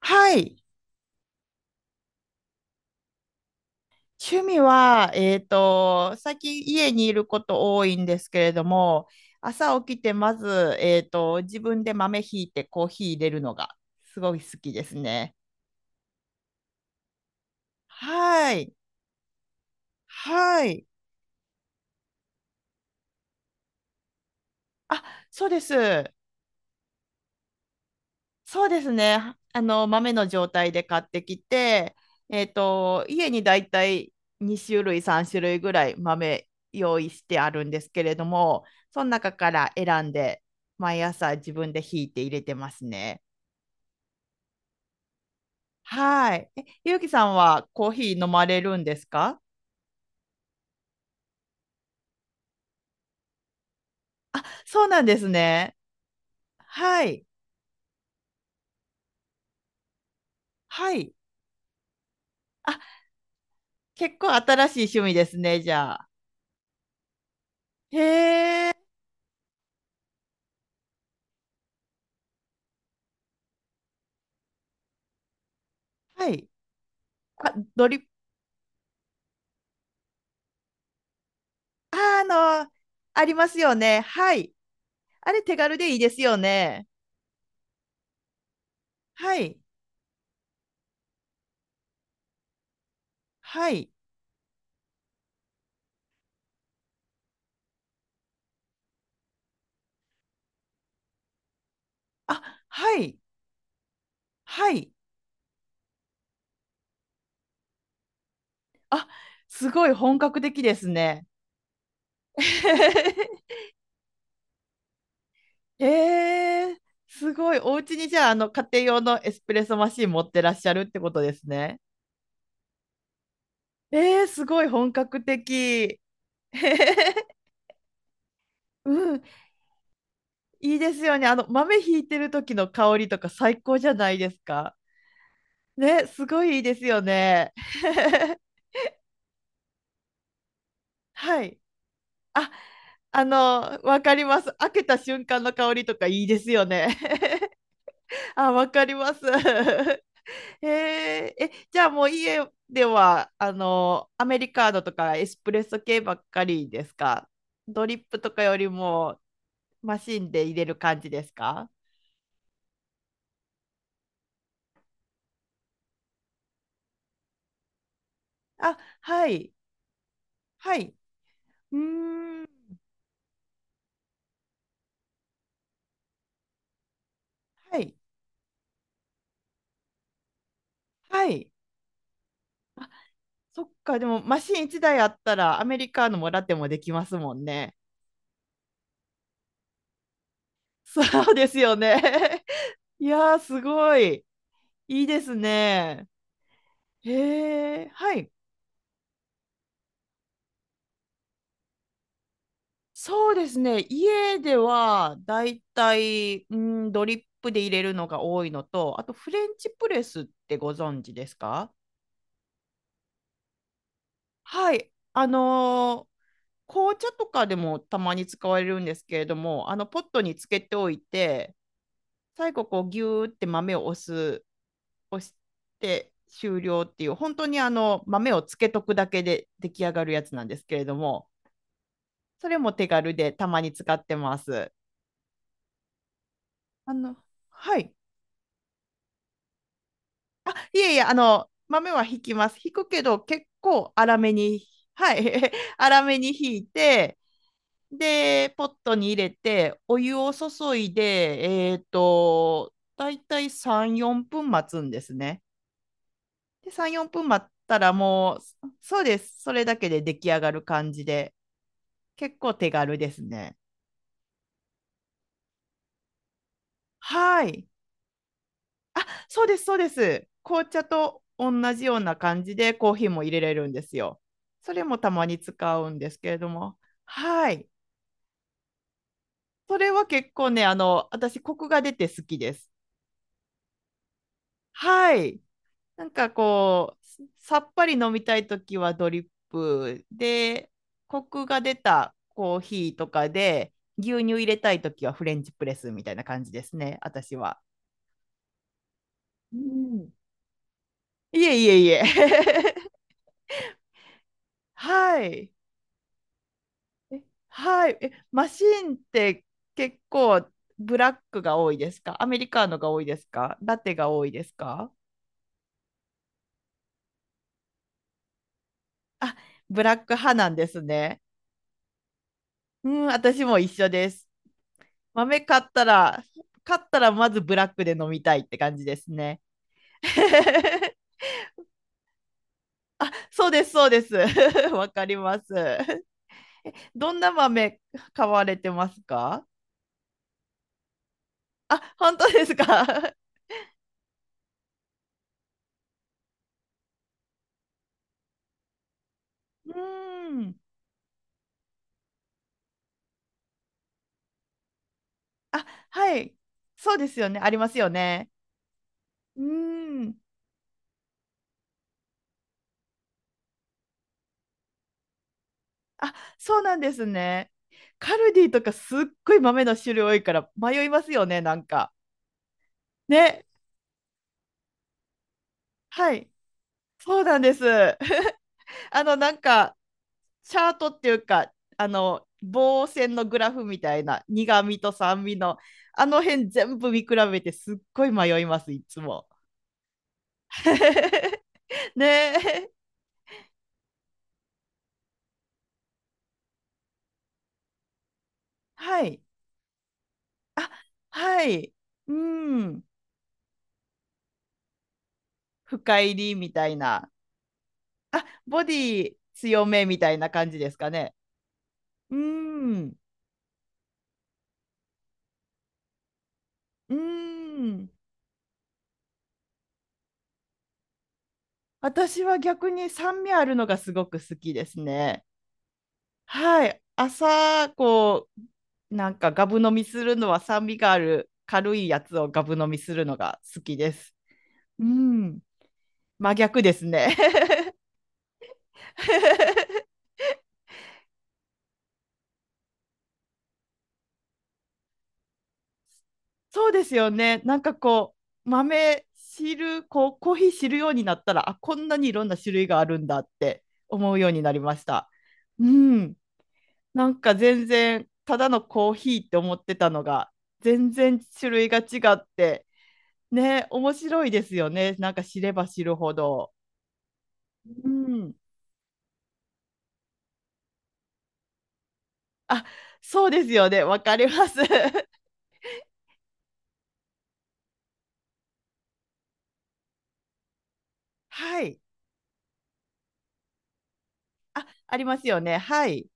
はい。趣味は、最近家にいること多いんですけれども、朝起きてまず、自分で豆ひいてコーヒー入れるのがすごい好きですね。はい。はい。あ、そうです。そうですね。あの、豆の状態で買ってきて、家にだいたい2種類、3種類ぐらい豆用意してあるんですけれども、その中から選んで、毎朝自分でひいて入れてますね。はい。え、ゆうきさんはコーヒー飲まれるんですか？そうなんですね。はい。はい。あ、結構新しい趣味ですね、じゃあ。へえ。はい。あ、ドリップ、あ、あの、ありますよね。はい。あれ手軽でいいですよね。はい。はい。あ、はい。はい。あ、すごい本格的ですね。えーすごい。お家にじゃあ、あの、家庭用のエスプレッソマシン持ってらっしゃるってことですね。えーすごい本格的。うん、いいですよね。あの、豆ひいてる時の香りとか最高じゃないですか。ね、すごいいいですよね。はい。あ、あの、わかります。開けた瞬間の香りとかいいですよね。あ、わかります。へえ、え、じゃあもう家では、あの、アメリカーノとかエスプレッソ系ばっかりですか？ドリップとかよりもマシンで入れる感じですか？あ、はい、はい。うーん、はい、はい。あ、そっか、でもマシン1台あったらアメリカーノもラテもできますもんね。そうですよね。いやー、すごい。いいですね。へえ、はい。そうですね。家ではだいたい、うん、ドリップで入れるのが多いのと、あとフレンチプレスってご存知ですか？はい。あのー、紅茶とかでもたまに使われるんですけれども、あのポットにつけておいて、最後こうギューって豆を押す、押して終了っていう、本当にあの豆をつけとくだけで出来上がるやつなんですけれども、それも手軽でたまに使ってます。あの、はい。あ、いえいえ、あの、豆は引きます。引くけど、結構粗めに、はい、粗めに引いて、で、ポットに入れて、お湯を注いで、だいたい3、4分待つんですね。で、3、4分待ったらもう、そうです。それだけで出来上がる感じで、結構手軽ですね。はい。あ、そうです、そうです。紅茶と同じような感じでコーヒーも入れれるんですよ。それもたまに使うんですけれども。はい。それは結構ね、あの、私、コクが出て好きです。はい。なんかこう、さっぱり飲みたいときはドリップで、コクが出たコーヒーとかで、牛乳入れたいときはフレンチプレスみたいな感じですね、私は。うん。いえいえいえ。はい。えはい。え、マシーンって結構ブラックが多いですか？アメリカーノが多いですか？ラテが多いですか？あ、ブラック派なんですね。うん、私も一緒です。豆買ったら、まずブラックで飲みたいって感じですね。そうです、そうです。わかります。どんな豆買われてますか？あ、本当ですか？ うん。あ、はい。そうですよね。ありますよね。うん。あ、そうなんですね。カルディとかすっごい豆の種類多いから迷いますよね、なんか。ね。はい。そうなんです。あの、なんか、チャートっていうか、あの、棒線のグラフみたいな、苦味と酸味の、あの辺全部見比べてすっごい迷います、いつも。ねえ。はい。はい。うん。深入りみたいな。あ、ボディ強めみたいな感じですかね。うん。うーん。私は逆に酸味あるのがすごく好きですね。はい。朝、こう、なんかガブ飲みするのは酸味がある軽いやつをガブ飲みするのが好きです。うん。真逆ですね。そうですよね。なんかこう、豆汁、こう、コーヒー知るようになったら、あ、こんなにいろんな種類があるんだって思うようになりました。うん。なんか全然ただのコーヒーって思ってたのが全然種類が違ってね、面白いですよね、なんか知れば知るほど。うん、あ、そうですよね、わかります。はい、あ、ありますよね、はい。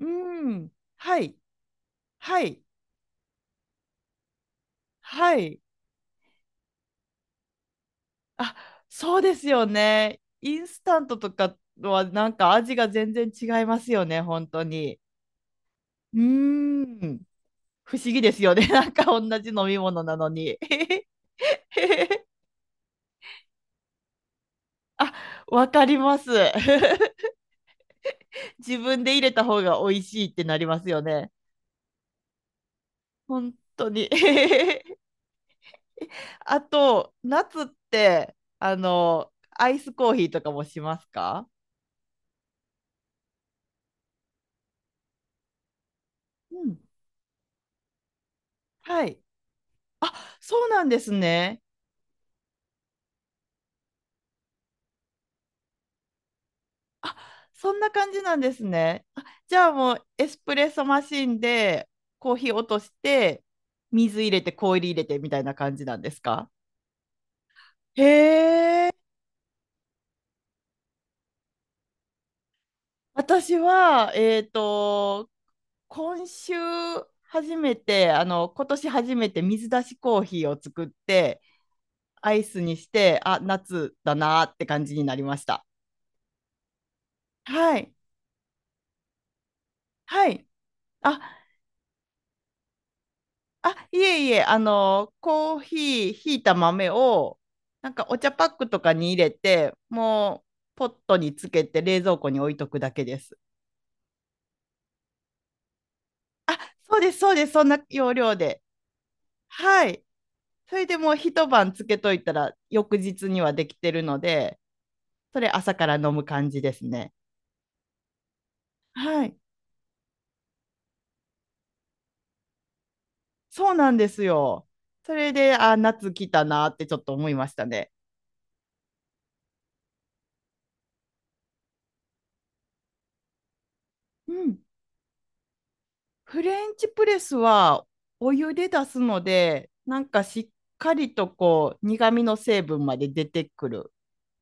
うん、はい、はい、はい、あ、そうですよね、インスタントとかはなんか味が全然違いますよね、本当に。うーん、不思議ですよね。なんか同じ飲み物なのに。あ、わかります。自分で入れた方が美味しいってなりますよね。本当に。あと、夏って、あの、アイスコーヒーとかもしますか？うん。はい。そうなんですね。あ、そんな感じなんですね。あ、じゃあもうエスプレッソマシンでコーヒー落として、水入れて氷入れてみたいな感じなんですか？へえ。私は、今週初めて、あの、今年初めて水出しコーヒーを作って、アイスにして、あ、夏だなーって感じになりました。はい。はい。あ、あ、いえいえ、あの、コーヒー、ひいた豆を、なんかお茶パックとかに入れて、もう、ポットにつけて冷蔵庫に置いとくだけです。あ、そうです、そうです、そんな要領で。はい。それでもう一晩つけといたら翌日にはできてるので、それ朝から飲む感じですね。はい。そうなんですよ。それで、あ、夏来たなってちょっと思いましたね。うん。フレンチプレスはお湯で出すので、なんかしっかりとこう苦味の成分まで出てくる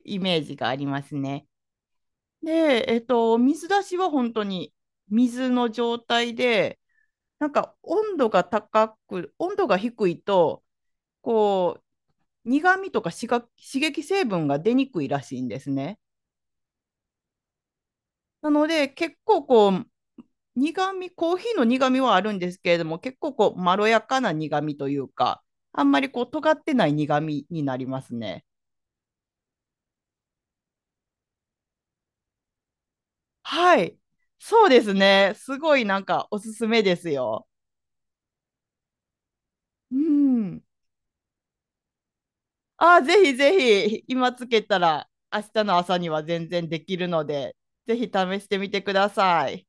イメージがありますね。で、水出しは本当に水の状態で、なんか温度が高く、温度が低いと、こう苦味とか刺激成分が出にくいらしいんですね。なので結構こう苦味、コーヒーの苦味はあるんですけれども、結構こうまろやかな苦味というか、あんまりこう尖ってない苦味になりますね。はい、そうですね、すごいなんかおすすめですよ。うん、あーぜひぜひ今つけたら明日の朝には全然できるのでぜひ試してみてください。